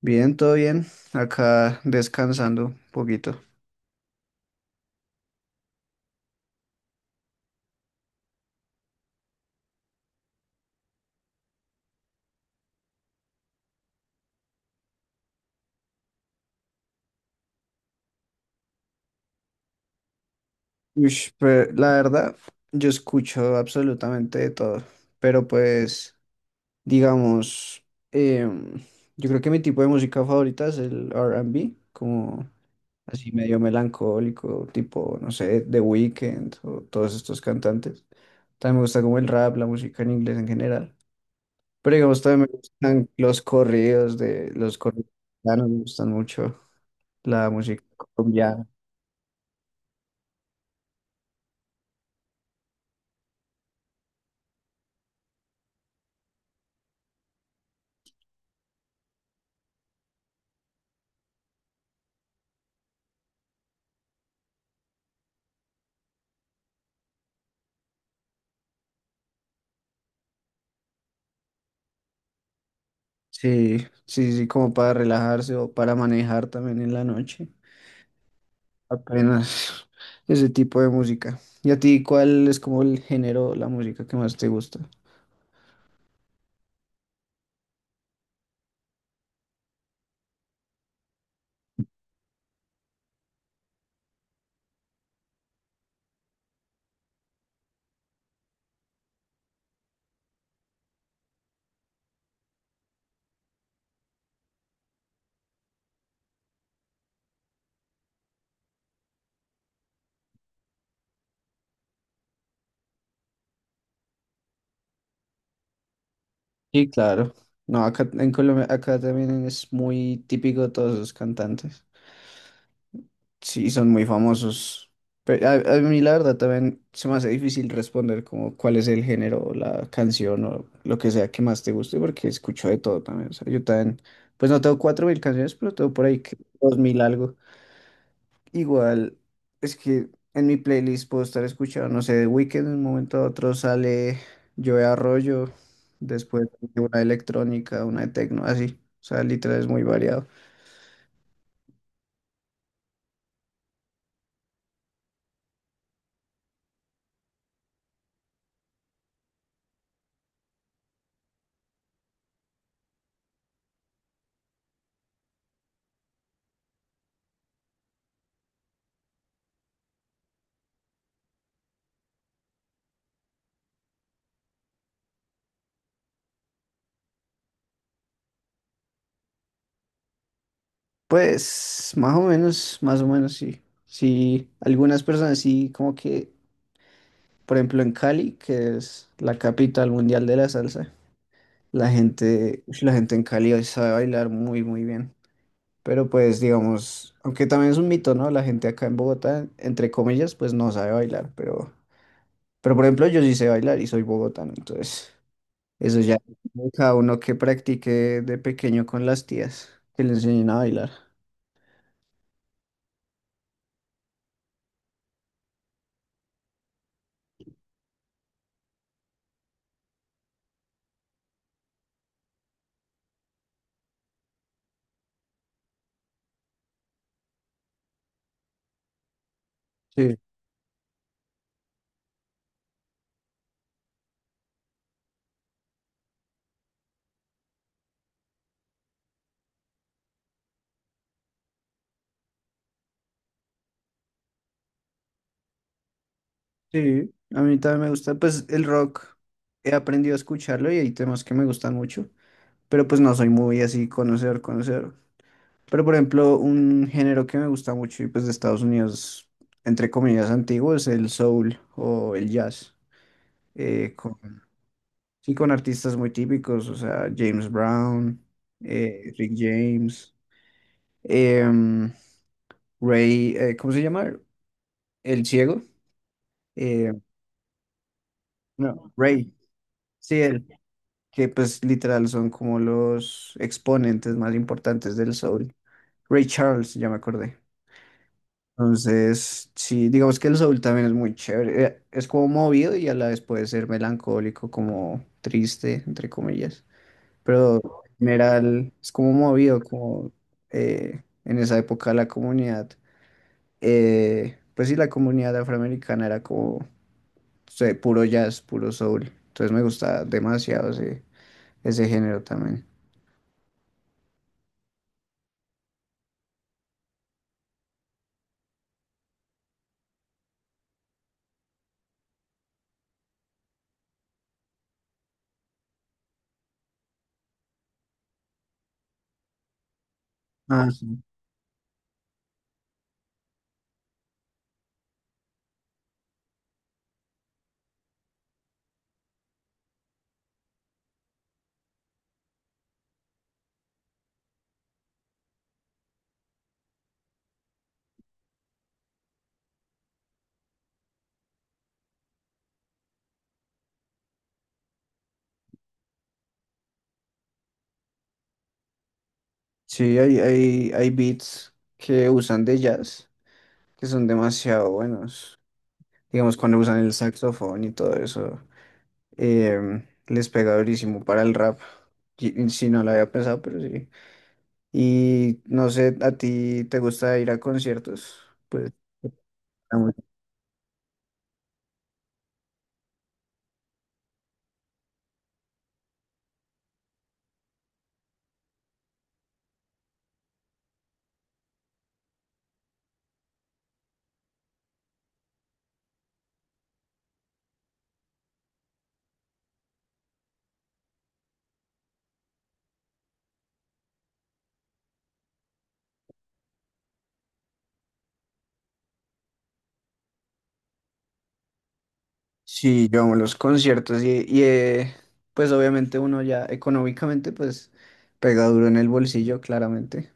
Bien, todo bien. Acá descansando un poquito. Ush, pero la verdad, yo escucho absolutamente de todo. Pero pues, digamos, em, yo creo que mi tipo de música favorita es el R&B, como así medio melancólico, tipo, no sé, The Weeknd o todos estos cantantes. También me gusta como el rap, la música en inglés en general. Pero digamos, también me gustan los corridos, mexicanos, me gustan mucho la música colombiana. Sí, sí, sí, como para relajarse o para manejar también en la noche. Apenas ese tipo de música. ¿Y a ti cuál es como el género, la música que más te gusta? Sí, claro. No, acá en Colombia, acá también es muy típico todos los cantantes. Sí, son muy famosos. Pero a mí la verdad también se me hace difícil responder como cuál es el género, o la canción o lo que sea que más te guste, porque escucho de todo también. O sea, yo también, pues no tengo 4000 canciones, pero tengo por ahí que 2000 algo. Igual, es que en mi playlist puedo estar escuchando, no sé, de Weeknd. De un momento a otro sale Joe Arroyo, después una de electrónica, una de tecno, así. O sea, literal es muy variado. Pues más o menos sí. Sí, algunas personas sí, como que, por ejemplo, en Cali, que es la capital mundial de la salsa, la gente, ush, la gente en Cali hoy sabe bailar muy, muy bien. Pero pues, digamos, aunque también es un mito, ¿no? La gente acá en Bogotá, entre comillas, pues no sabe bailar, pero por ejemplo, yo sí sé bailar y soy bogotano, entonces eso ya cada uno que practique de pequeño con las tías, que le enseñen a bailar. Sí. Sí, a mí también me gusta, pues el rock he aprendido a escucharlo y hay temas que me gustan mucho, pero pues no soy muy así conocer, conocer. Pero por ejemplo, un género que me gusta mucho y pues de Estados Unidos, entre comillas, antiguo es el soul o el jazz, con, sí, con artistas muy típicos, o sea, James Brown, Rick James, em, Ray, ¿cómo se llama? El ciego, eh, no, Ray, sí, que pues literal son como los exponentes más importantes del soul. Ray Charles, ya me acordé. Entonces, sí, digamos que el soul también es muy chévere. Es como movido y a la vez puede ser melancólico, como triste, entre comillas. Pero en general es como movido, como en esa época la comunidad, pues sí, la comunidad afroamericana era como sí, puro jazz, puro soul. Entonces me gusta demasiado ese, ese género también. Ah, sí. Sí, hay beats que usan de jazz, que son demasiado buenos. Digamos, cuando usan el saxofón y todo eso, les pega durísimo para el rap. Y si no lo había pensado, pero sí. Y no sé, ¿a ti te gusta ir a conciertos? Pues amo- sí, yo amo los conciertos y pues obviamente uno ya económicamente pues pega duro en el bolsillo, claramente.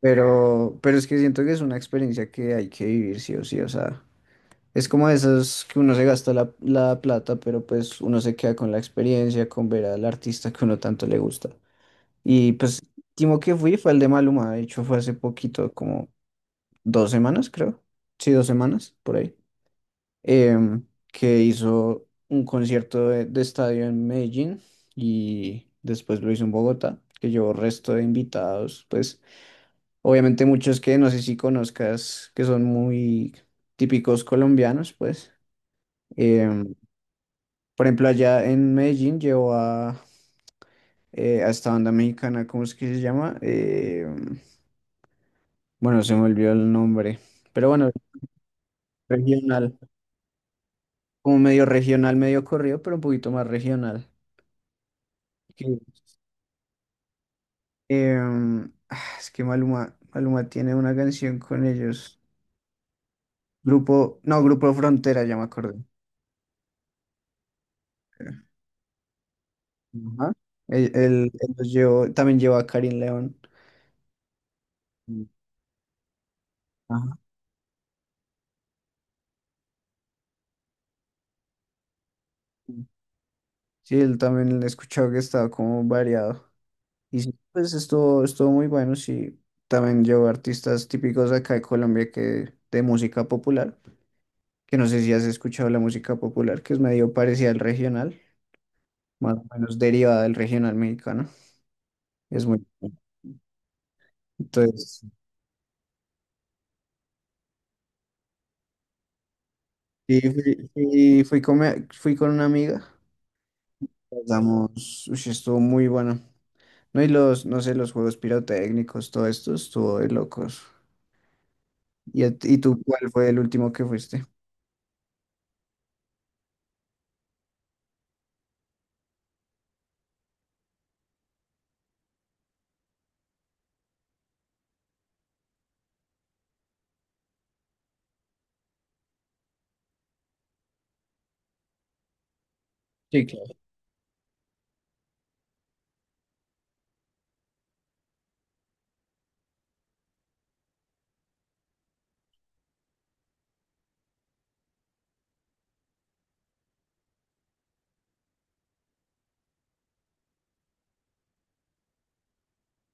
Pero es que siento que es una experiencia que hay que vivir sí o sí, o sea, es como de esas que uno se gasta la, la plata, pero pues uno se queda con la experiencia, con ver al artista que uno tanto le gusta. Y pues, último que fui fue el de Maluma, de hecho fue hace poquito, como dos semanas, creo. Sí, dos semanas, por ahí. em, que hizo un concierto de estadio en Medellín y después lo hizo en Bogotá, que llevó resto de invitados, pues. Obviamente muchos que no sé si conozcas, que son muy típicos colombianos, pues. Em, por ejemplo, allá en Medellín llevo a esta banda mexicana, ¿cómo es que se llama? Bueno, se me olvidó el nombre, pero bueno, regional, como medio regional, medio corrido, pero un poquito más regional. Que, ah, es que Maluma, Maluma tiene una canción con ellos. Grupo, no, Grupo Frontera, ya me acordé. Ajá. Él los llevó, también llevó a Karim León. Mm. Ajá. Sí, él también he escuchado que estaba como variado. Y sí, pues estuvo, estuvo muy bueno, sí. También llevó artistas típicos acá de Colombia que de música popular, que no sé si has escuchado la música popular, que es medio parecida al regional, más o menos derivada del regional mexicano. Es muy bueno. Entonces, y fui, fui con, fui con una amiga, pasamos, uy, estuvo muy bueno. No, y los, no sé, los juegos pirotécnicos, todo esto estuvo de locos. ¿Y, y tú cuál fue el último que fuiste? Sí, claro.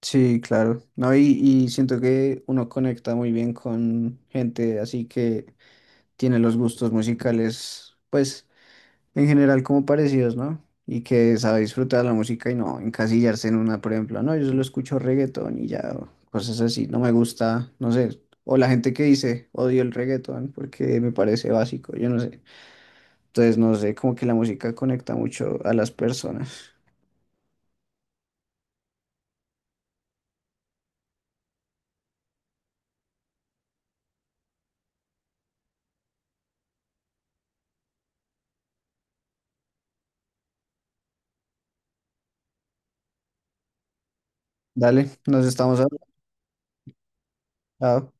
Sí, claro. No, y siento que uno conecta muy bien con gente así que tiene los gustos musicales, pues, en general como parecidos, ¿no? Y que sabe disfrutar la música y no encasillarse en una, por ejemplo, no, yo solo escucho reggaetón y ya, o cosas así, no me gusta, no sé. O la gente que dice, odio el reggaetón porque me parece básico, yo no sé. Entonces, no sé, como que la música conecta mucho a las personas. Dale, nos estamos hablando. Chao.